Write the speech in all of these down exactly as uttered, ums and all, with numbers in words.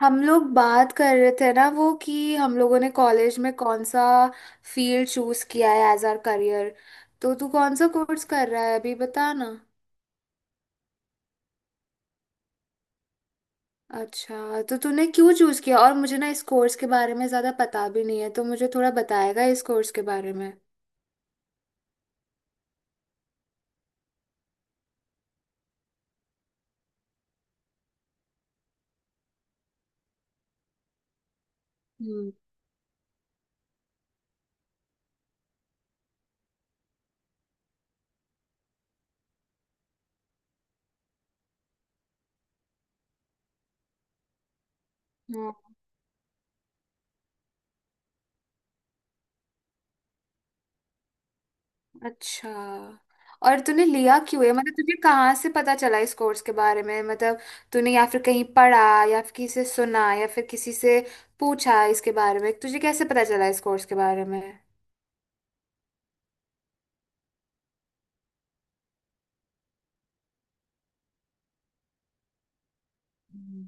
हम लोग बात कर रहे थे ना वो कि हम लोगों ने कॉलेज में कौन सा फील्ड चूज किया है एज आर करियर। तो तू कौन सा कोर्स कर रहा है अभी बता ना। अच्छा, तो तूने क्यों चूज किया और मुझे ना इस कोर्स के बारे में ज्यादा पता भी नहीं है तो मुझे थोड़ा बताएगा इस कोर्स के बारे में। हम्म। अच्छा। और तूने लिया क्यों है मतलब तुझे कहाँ से पता चला इस कोर्स के बारे में मतलब तूने या फिर कहीं पढ़ा या फिर किसी से सुना या फिर किसी से पूछा इसके बारे में तुझे कैसे पता चला इस कोर्स के बारे में। हम्म।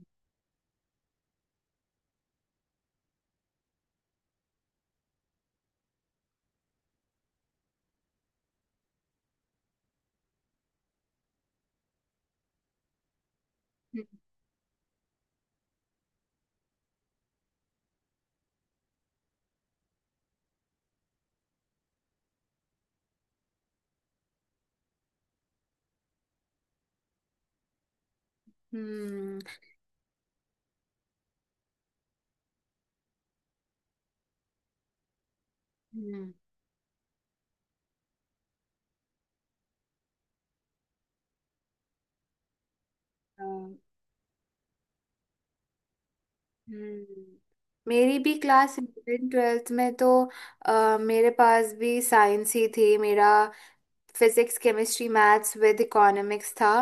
हम्म। हम्म। हम्म। हम्म। मेरी भी क्लास इलेवन ट्वेल्थ में तो अ, मेरे पास भी साइंस ही थी। मेरा physics chemistry maths with economics था।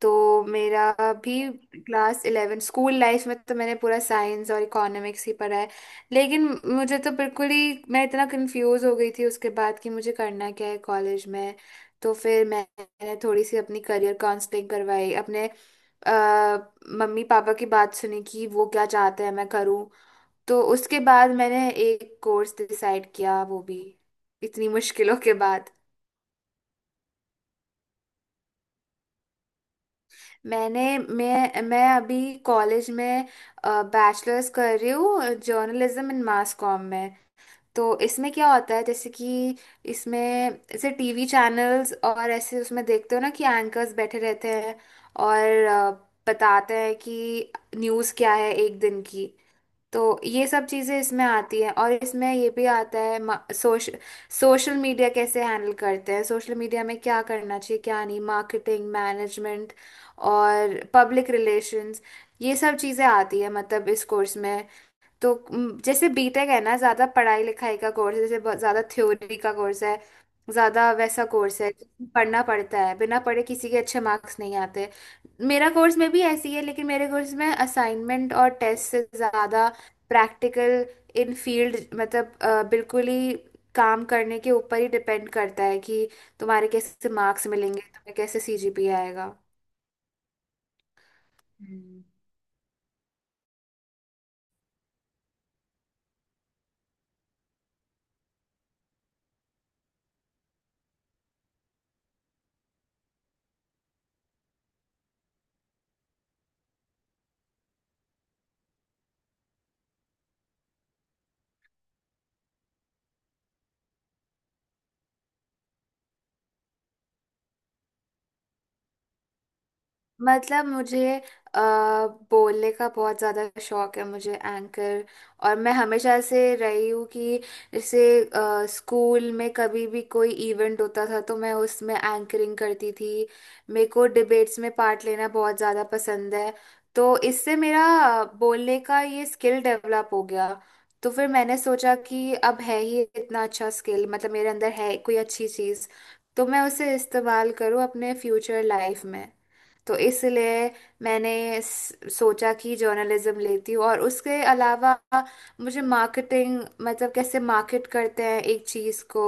तो मेरा भी क्लास इलेवन स्कूल लाइफ में तो मैंने पूरा साइंस और इकोनॉमिक्स ही पढ़ा है। लेकिन मुझे तो बिल्कुल ही मैं इतना कंफ्यूज हो गई थी उसके बाद कि मुझे करना क्या है कॉलेज में। तो फिर मैंने थोड़ी सी अपनी करियर काउंसलिंग करवाई अपने अ, मम्मी पापा की बात सुनी कि वो क्या चाहते हैं मैं करूं। तो उसके बाद मैंने एक कोर्स डिसाइड किया वो भी इतनी मुश्किलों के बाद। मैंने मैं मैं अभी कॉलेज में बैचलर्स कर रही हूँ जर्नलिज्म इन मास कॉम में। तो इसमें क्या होता है जैसे कि इसमें ऐसे टीवी चैनल्स और ऐसे उसमें देखते हो ना कि एंकर्स बैठे रहते हैं और अ, बताते हैं कि न्यूज़ क्या है एक दिन की। तो ये सब चीजें इसमें आती हैं और इसमें ये भी आता है मा- सोश, सोशल मीडिया कैसे हैंडल करते हैं सोशल मीडिया में क्या करना चाहिए क्या नहीं मार्केटिंग मैनेजमेंट और पब्लिक रिलेशंस ये सब चीजें आती है मतलब इस कोर्स में। तो उम, जैसे बीटेक है ना ज्यादा पढ़ाई लिखाई का कोर्स है जैसे बहुत ज्यादा थ्योरी का कोर्स है ज्यादा वैसा कोर्स है जिसमें पढ़ना पड़ता है बिना पढ़े किसी के अच्छे मार्क्स नहीं आते। मेरा कोर्स में भी ऐसी है लेकिन मेरे कोर्स में असाइनमेंट और टेस्ट से ज्यादा प्रैक्टिकल इन फील्ड मतलब अ, बिल्कुल ही काम करने के ऊपर ही डिपेंड करता है कि तुम्हारे कैसे मार्क्स मिलेंगे तुम्हें कैसे सीजीपीए आएगा। मतलब मुझे आ, बोलने का बहुत ज़्यादा शौक है मुझे एंकर और मैं हमेशा से रही हूँ कि जैसे अ, स्कूल में कभी भी कोई इवेंट होता था तो मैं उसमें एंकरिंग करती थी। मेरे को डिबेट्स में पार्ट लेना बहुत ज़्यादा पसंद है। तो इससे मेरा अ, बोलने का ये स्किल डेवलप हो गया। तो फिर मैंने सोचा कि अब है ही इतना अच्छा स्किल मतलब मेरे अंदर है कोई अच्छी चीज़ तो मैं उसे इस्तेमाल करूँ अपने फ्यूचर लाइफ में। तो इसलिए मैंने स- सोचा कि जर्नलिज्म लेती हूँ और उसके अलावा मुझे मार्केटिंग मतलब कैसे मार्केट करते हैं एक चीज़ को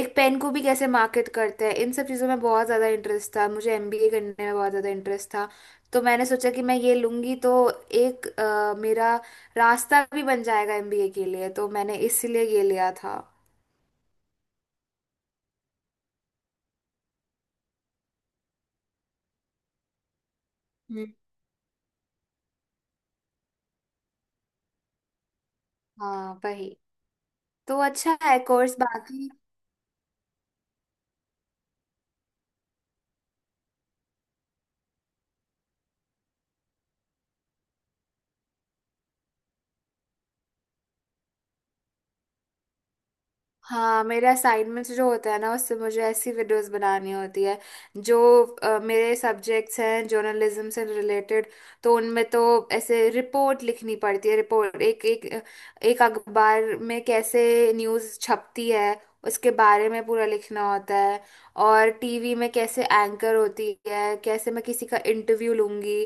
एक पेन को भी कैसे मार्केट करते हैं इन सब चीज़ों में बहुत ज़्यादा इंटरेस्ट था मुझे एमबीए करने में बहुत ज़्यादा इंटरेस्ट था। तो मैंने सोचा कि मैं ये लूँगी तो एक अ, मेरा रास्ता भी बन जाएगा एमबीए के लिए तो मैंने इसलिए ये लिया था। हम्म। हाँ वही। तो अच्छा है कोर्स बाकी। हाँ मेरे असाइनमेंट्स जो होते हैं ना उससे मुझे ऐसी वीडियोस बनानी होती है जो अ, मेरे सब्जेक्ट्स हैं जर्नलिज्म से रिलेटेड। तो उनमें तो ऐसे रिपोर्ट लिखनी पड़ती है रिपोर्ट एक एक एक अखबार में कैसे न्यूज़ छपती है उसके बारे में पूरा लिखना होता है। और टीवी में कैसे एंकर होती है कैसे मैं किसी का इंटरव्यू लूंगी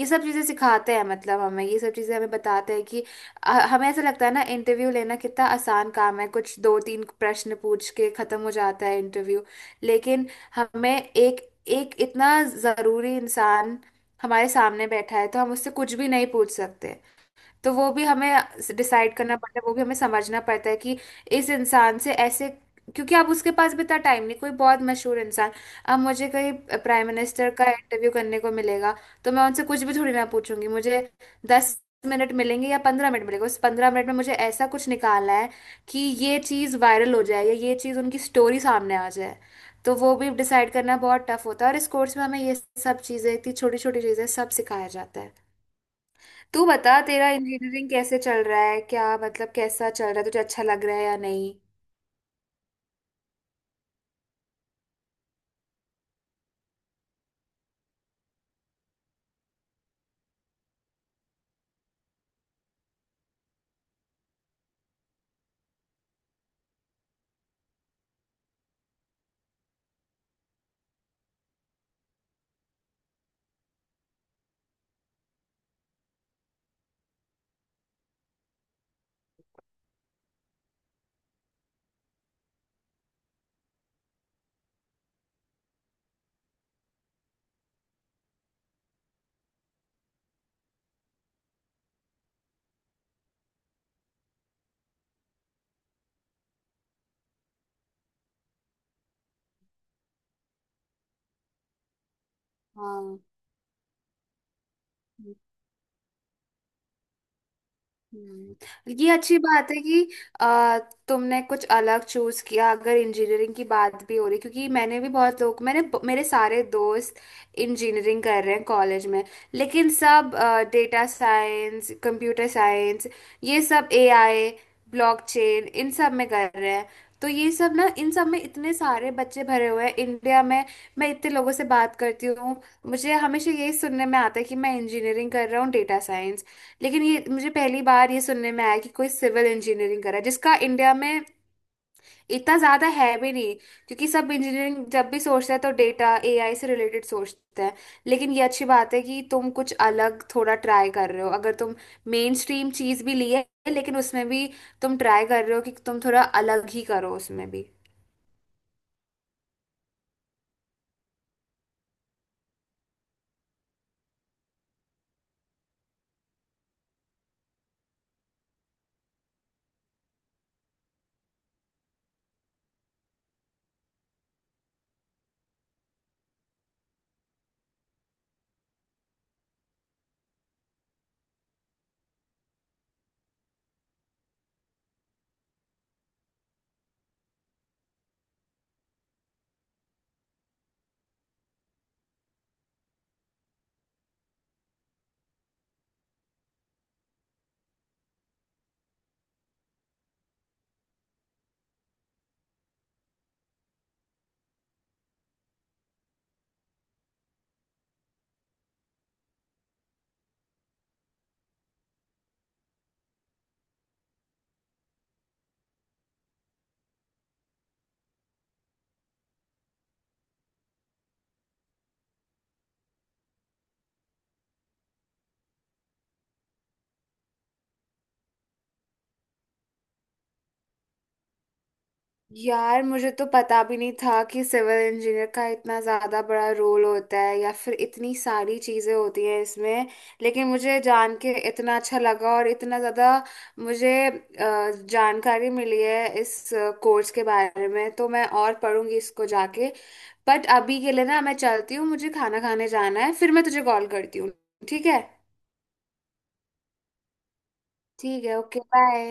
ये सब चीज़ें सिखाते हैं मतलब हमें ये सब चीज़ें हमें बताते हैं कि अ, हमें ऐसा लगता है ना इंटरव्यू लेना कितना आसान काम है कुछ दो तीन प्रश्न पूछ के खत्म हो जाता है इंटरव्यू। लेकिन हमें एक एक इतना जरूरी इंसान हमारे सामने बैठा है तो हम उससे कुछ भी नहीं पूछ सकते। तो वो भी हमें डिसाइड करना पड़ता है वो भी हमें समझना पड़ता है कि इस इंसान से ऐसे, क्योंकि आप उसके पास भी इतना टाइम नहीं कोई बहुत मशहूर इंसान। अब मुझे कहीं प्राइम मिनिस्टर का इंटरव्यू करने को मिलेगा तो मैं उनसे कुछ भी थोड़ी ना पूछूंगी। मुझे दस मिनट मिलेंगे या पंद्रह मिनट मिलेंगे उस पंद्रह मिनट में मुझे ऐसा कुछ निकालना है कि ये चीज़ वायरल हो जाए या ये चीज़ उनकी स्टोरी सामने आ जाए। तो वो भी डिसाइड करना बहुत टफ होता है और इस कोर्स में हमें ये सब चीज़ें इतनी छोटी छोटी चीज़ें सब सिखाया जाता है। तू बता तेरा इंजीनियरिंग कैसे चल रहा है क्या मतलब कैसा चल रहा है तुझे अच्छा लग रहा है या नहीं। हाँ। हम्म। ये अच्छी बात है कि आ, तुमने कुछ अलग चूज किया अगर इंजीनियरिंग की बात भी हो रही क्योंकि मैंने भी बहुत लोग मैंने मेरे सारे दोस्त इंजीनियरिंग कर रहे हैं कॉलेज में। लेकिन सब डेटा साइंस कंप्यूटर साइंस ये सब एआई ब्लॉकचेन इन सब में कर रहे हैं। तो ये सब ना इन सब में इतने सारे बच्चे भरे हुए हैं इंडिया में। मैं इतने लोगों से बात करती हूँ मुझे हमेशा यही सुनने में आता है कि मैं इंजीनियरिंग कर रहा हूँ डेटा साइंस। लेकिन ये मुझे पहली बार ये सुनने में आया कि कोई सिविल इंजीनियरिंग करा है, जिसका इंडिया में इतना ज्यादा है भी नहीं। क्योंकि सब इंजीनियरिंग जब भी सोचते हैं तो डेटा एआई से रिलेटेड सोचते हैं। लेकिन ये अच्छी बात है कि तुम कुछ अलग थोड़ा ट्राई कर रहे हो अगर तुम मेन स्ट्रीम चीज भी ली है लेकिन उसमें भी तुम ट्राई कर रहे हो कि तुम थोड़ा अलग ही करो उसमें भी। यार मुझे तो पता भी नहीं था कि सिविल इंजीनियर का इतना ज़्यादा बड़ा रोल होता है या फिर इतनी सारी चीज़ें होती हैं इसमें। लेकिन मुझे जान के इतना अच्छा लगा और इतना ज़्यादा मुझे अ, जानकारी मिली है इस कोर्स के बारे में तो मैं और पढ़ूंगी इसको जाके। बट अभी के लिए ना मैं चलती हूँ मुझे खाना खाने जाना है फिर मैं तुझे कॉल करती हूँ। ठीक है। ठीक है ओके बाय।